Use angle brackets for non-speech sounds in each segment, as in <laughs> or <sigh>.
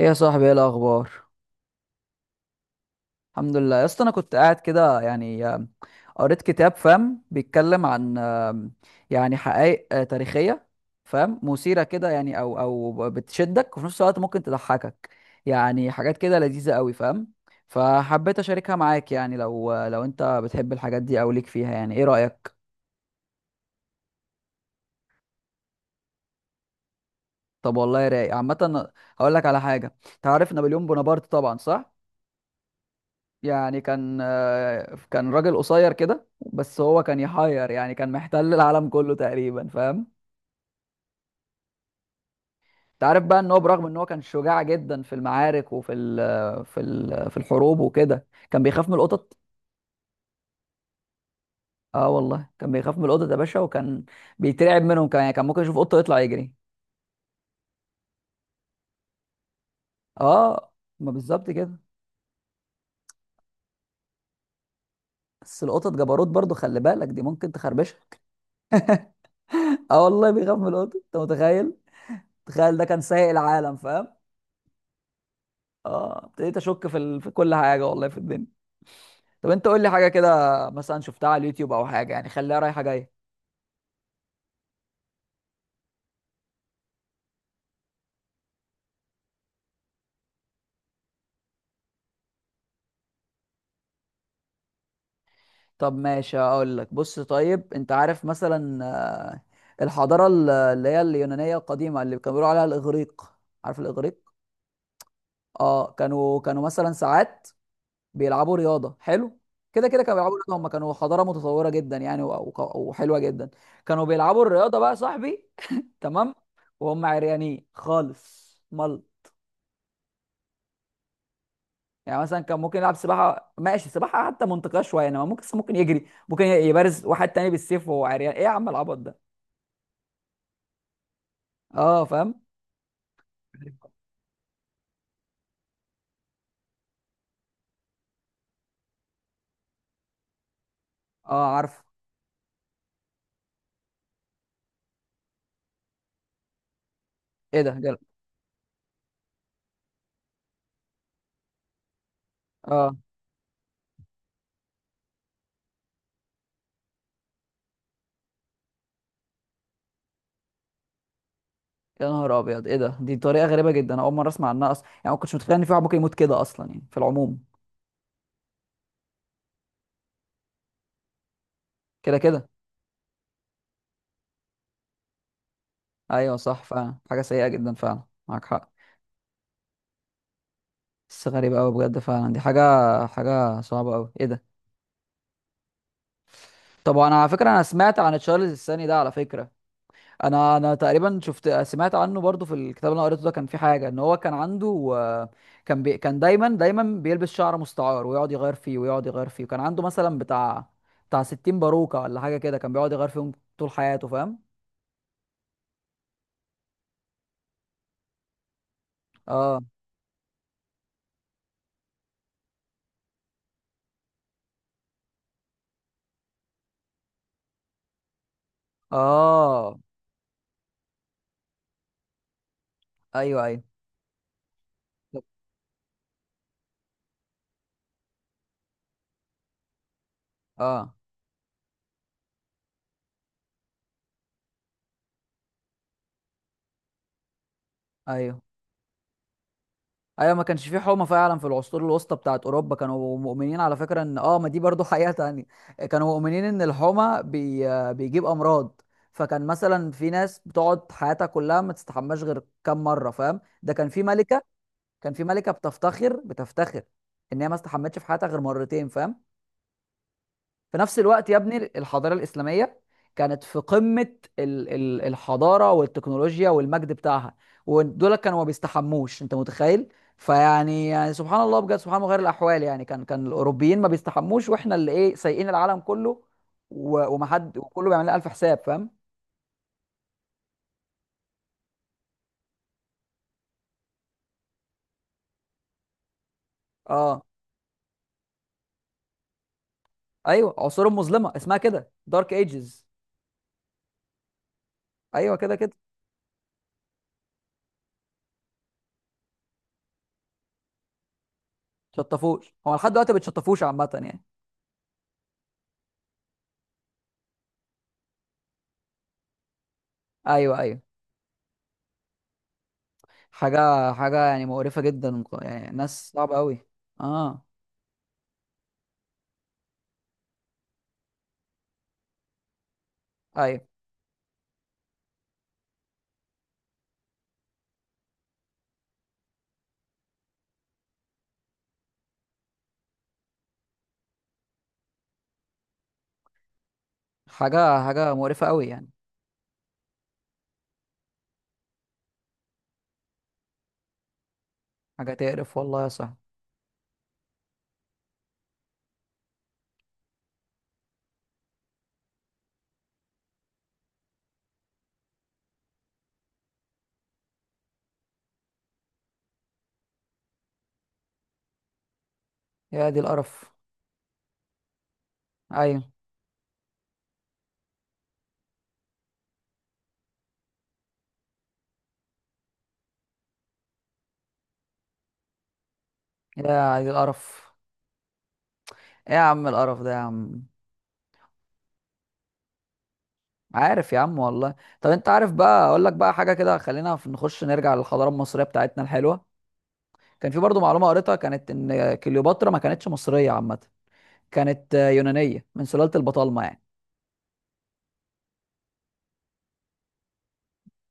ايه يا صاحبي، ايه الاخبار؟ الحمد لله يا اسطى، انا كنت قاعد كده يعني قريت كتاب فاهم، بيتكلم عن يعني حقائق تاريخيه، فاهم، مثيره كده يعني او بتشدك، وفي نفس الوقت ممكن تضحكك، يعني حاجات كده لذيذه قوي فاهم. فحبيت اشاركها معاك يعني، لو انت بتحب الحاجات دي او ليك فيها، يعني ايه رايك؟ طب والله رايق عامه، هقول لك على حاجه. تعرف نابليون بونابرت طبعا، صح؟ يعني كان كان راجل قصير كده، بس هو كان يحير يعني، كان محتل العالم كله تقريبا فاهم. انت عارف بقى ان هو برغم ان هو كان شجاع جدا في المعارك، وفي ال في ال في الحروب وكده، كان بيخاف من القطط. اه والله كان بيخاف من القطط يا باشا، وكان بيترعب منهم، كان يعني ممكن يشوف قطه يطلع يجري. اه، ما بالظبط كده، بس القطط جبروت برضو، خلي بالك، دي ممكن تخربشها. <laughs> اه والله بيخاف من القطط، انت متخيل؟ تخيل ده كان سايق العالم فاهم. اه ابتديت اشك في في كل حاجه والله في الدنيا. طب انت قول لي حاجه كده، مثلا شفتها على اليوتيوب او حاجه، يعني خليها رايحه جايه. طب ماشي اقول لك، بص طيب، انت عارف مثلا الحضاره اللي هي اليونانيه القديمه، اللي كانوا بيقولوا عليها الاغريق، عارف الاغريق؟ اه، كانوا مثلا ساعات بيلعبوا رياضه، حلو. كده كده كانوا بيلعبوا رياضه، هم كانوا حضاره متطوره جدا يعني وحلوه جدا. كانوا بيلعبوا الرياضه بقى يا صاحبي، <laughs> تمام. وهم عريانين خالص ملط. يعني مثلا كان ممكن يلعب سباحه، ماشي سباحه حتى منطقيه شويه، انما ممكن يجري، ممكن يبارز واحد تاني بالسيف وهو عريان، ايه يا عم العبط ده؟ اه فاهم. <laughs> اه عارف، ايه ده اه. يا نهار ابيض، ايه ده؟ دي طريقه غريبه جدا، أنا اول مره اسمع عنها اصلا، يعني ما كنتش متخيل ان في واحد ممكن يموت كده اصلا يعني في العموم. كده كده، ايوه صح فعلا، حاجه سيئه جدا فعلا، معاك حق. بس غريبه قوي بجد، فعلا دي حاجه، حاجه صعبه قوي، ايه ده. طب انا على فكره، انا سمعت عن تشارلز الثاني ده على فكره. انا تقريبا سمعت عنه برضو في الكتاب اللي انا قريته ده، كان في حاجه ان هو كان عنده كان كان دايما دايما بيلبس شعر مستعار، ويقعد يغير فيه، ويقعد يغير فيه، وكان عنده مثلا بتاع 60 باروكه، ولا حاجه كده، كان بيقعد يغير فيهم طول حياته فاهم. اه اه. ايوه ايوه اه. ايوه ايوه. ما كانش في حومه فعلا في العصور الوسطى بتاعت اوروبا. كانوا مؤمنين على فكره ان اه ما دي برضو <laughs> حقيقه تانية. كانوا مؤمنين ان الحومه بيجيب امراض. فكان مثلا في ناس بتقعد حياتها كلها ما تستحماش غير كام مره فاهم. ده كان في ملكه، كان في ملكه بتفتخر، بتفتخر ان هي ما استحمتش في حياتها غير مرتين فاهم. في نفس الوقت يا ابني، الحضارة الإسلامية كانت في قمة الحضارة والتكنولوجيا والمجد بتاعها، ودول كانوا ما بيستحموش، انت متخيل؟ فيعني يعني سبحان الله بجد، سبحان الله غير الأحوال، يعني كان الأوروبيين ما بيستحموش، واحنا اللي ايه، سايقين العالم كله، ومحد، وكله بيعمل لنا ألف حساب فاهم. اه ايوه، عصور مظلمة اسمها كده، دارك ايجز. ايوه كده كده. شطفوش هو لحد دلوقتي، بتشطفوش عامة يعني. ايوه ايوه، حاجة حاجة يعني مقرفة جدا، يعني ناس صعبة أوي. اه أيوة. حاجة حاجة مقرفة أوي يعني. حاجة تقرف والله يا صاحبي. يا دي القرف. أيوة. يا دي القرف، إيه يا عم القرف ده يا عم. عارف يا عم والله. طب أنت عارف بقى، أقول لك بقى حاجة كده، خلينا نخش نرجع للحضارة المصرية بتاعتنا الحلوة. كان في برضو معلومة قريتها، كانت إن كليوباترا ما كانتش مصرية عامة، كانت يونانية من سلالة البطالمة يعني.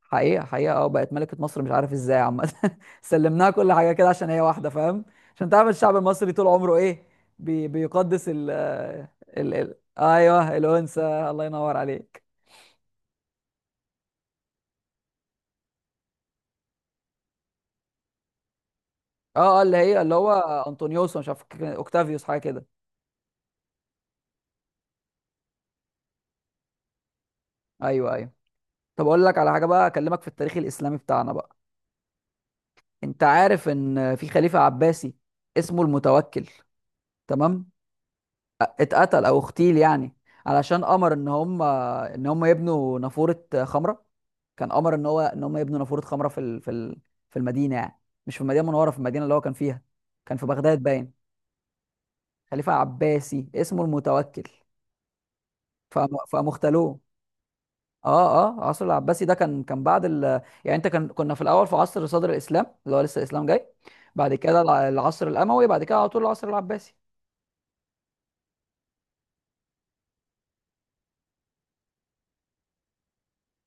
حقيقة حقيقة اه، بقت ملكة مصر مش عارف ازاي عامة <laughs> سلمناها كل حاجة كده عشان هي واحدة فاهم. عشان تعرف الشعب المصري طول عمره ايه، بيقدس ال ال ال ايوه الأنثى. الله ينور عليك. اه اه، اللي هي اللي هو انطونيوس، مش عارف كان اوكتافيوس حاجة كده. ايوه ايوه. طب اقول لك على حاجة بقى، اكلمك في التاريخ الإسلامي بتاعنا بقى. انت عارف ان في خليفة عباسي اسمه المتوكل؟ تمام. اتقتل او اغتيل يعني، علشان امر ان هم يبنوا نافوره خمره. كان امر ان هو ان هم يبنوا نافوره خمره في في المدينه يعني، مش في المدينه المنوره، في المدينه اللي هو كان فيها. كان في بغداد باين. خليفه عباسي اسمه المتوكل. فقاموا اغتالوه. اه اه، عصر العباسي ده كان بعد يعني انت كان كنا في الاول في عصر صدر الاسلام اللي هو لسه الاسلام جاي. بعد كده العصر الاموي، بعد كده على طول العصر العباسي.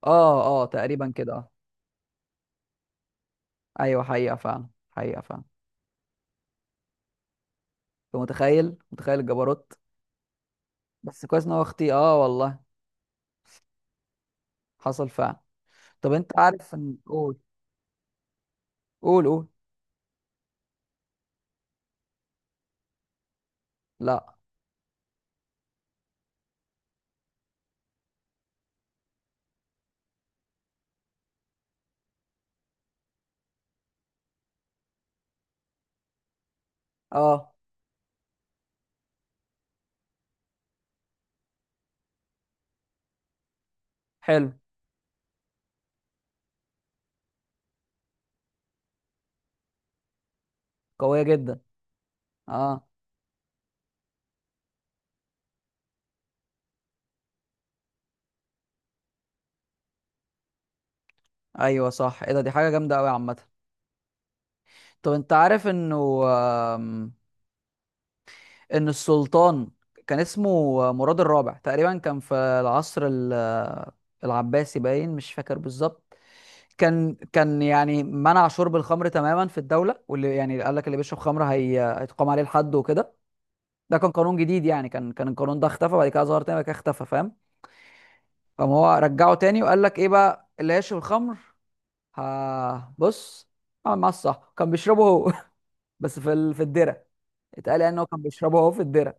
اه اه، تقريبا كده اه. ايوه حقيقه فعلا، حقيقه فعلا. انت متخيل متخيل الجبروت. بس كويس ان هو اختي، اه والله، حصل فعلا. طب انت عارف ان، قول قول قول. لا. اه حلو. قوية جدا. اه ايوه صح، ايه ده، دي حاجة جامدة قوي عامة. طب انت عارف انه آم، ان السلطان كان اسمه مراد الرابع تقريبا، كان في العصر العباسي باين، مش فاكر بالظبط. كان يعني منع شرب الخمر تماما في الدولة، واللي يعني قال لك اللي بيشرب خمر هي هيتقام عليه الحد وكده. ده كان قانون جديد يعني، كان القانون ده اختفى بعد كده، ظهر تاني بعد كده اختفى فاهم. قام هو رجعه تاني، وقال لك ايه بقى اللي يشرب الخمر. ها، بص، اعمل معاه الصح، كان بيشربه هو. <laughs> بس في في الدرة، اتقال يعني ان هو كان بيشربه هو في الدرة.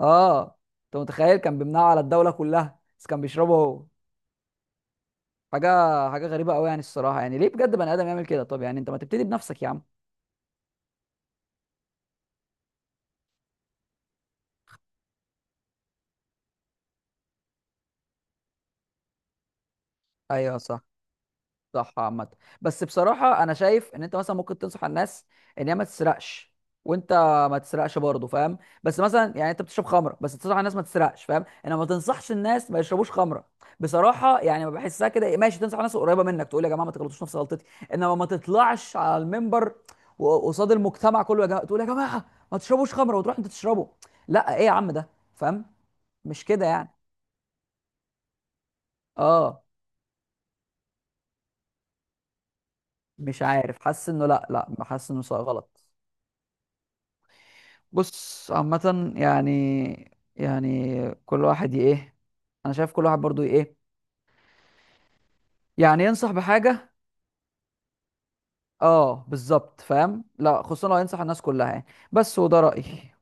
اه. انت متخيل، كان بيمنعه على الدولة كلها بس كان بيشربه هو. حاجة حاجة غريبة قوي يعني الصراحة، يعني ليه بجد بني آدم يعمل كده؟ طب يعني انت ما تبتدي بنفسك يا عم. ايوه صح، صح عامة. بس بصراحة، أنا شايف إن أنت مثلا ممكن تنصح الناس إن هي ما تسرقش، وأنت ما تسرقش برضه فاهم. بس مثلا يعني أنت بتشرب خمرة بس تنصح الناس ما تسرقش فاهم، إنما ما تنصحش الناس ما يشربوش خمرة. بصراحة يعني ما بحسها كده، إيه، ماشي تنصح الناس قريبة منك، تقول يا جماعة ما تغلطوش نفس غلطتي، إنما ما تطلعش على المنبر قصاد المجتمع كله يا جماعة، تقول يا جماعة ما تشربوش خمرة وتروح أنت تشربه. لا، إيه يا عم ده، فاهم، مش كده يعني. آه مش عارف، حاسس إنه لا لا، حاسس إنه غلط. بص عامة يعني، يعني كل واحد ايه، انا شايف كل واحد برضو ايه، يعني ينصح بحاجة. اه بالظبط فاهم، لا خصوصا لو ينصح الناس كلها يعني. بس، وده رأيي.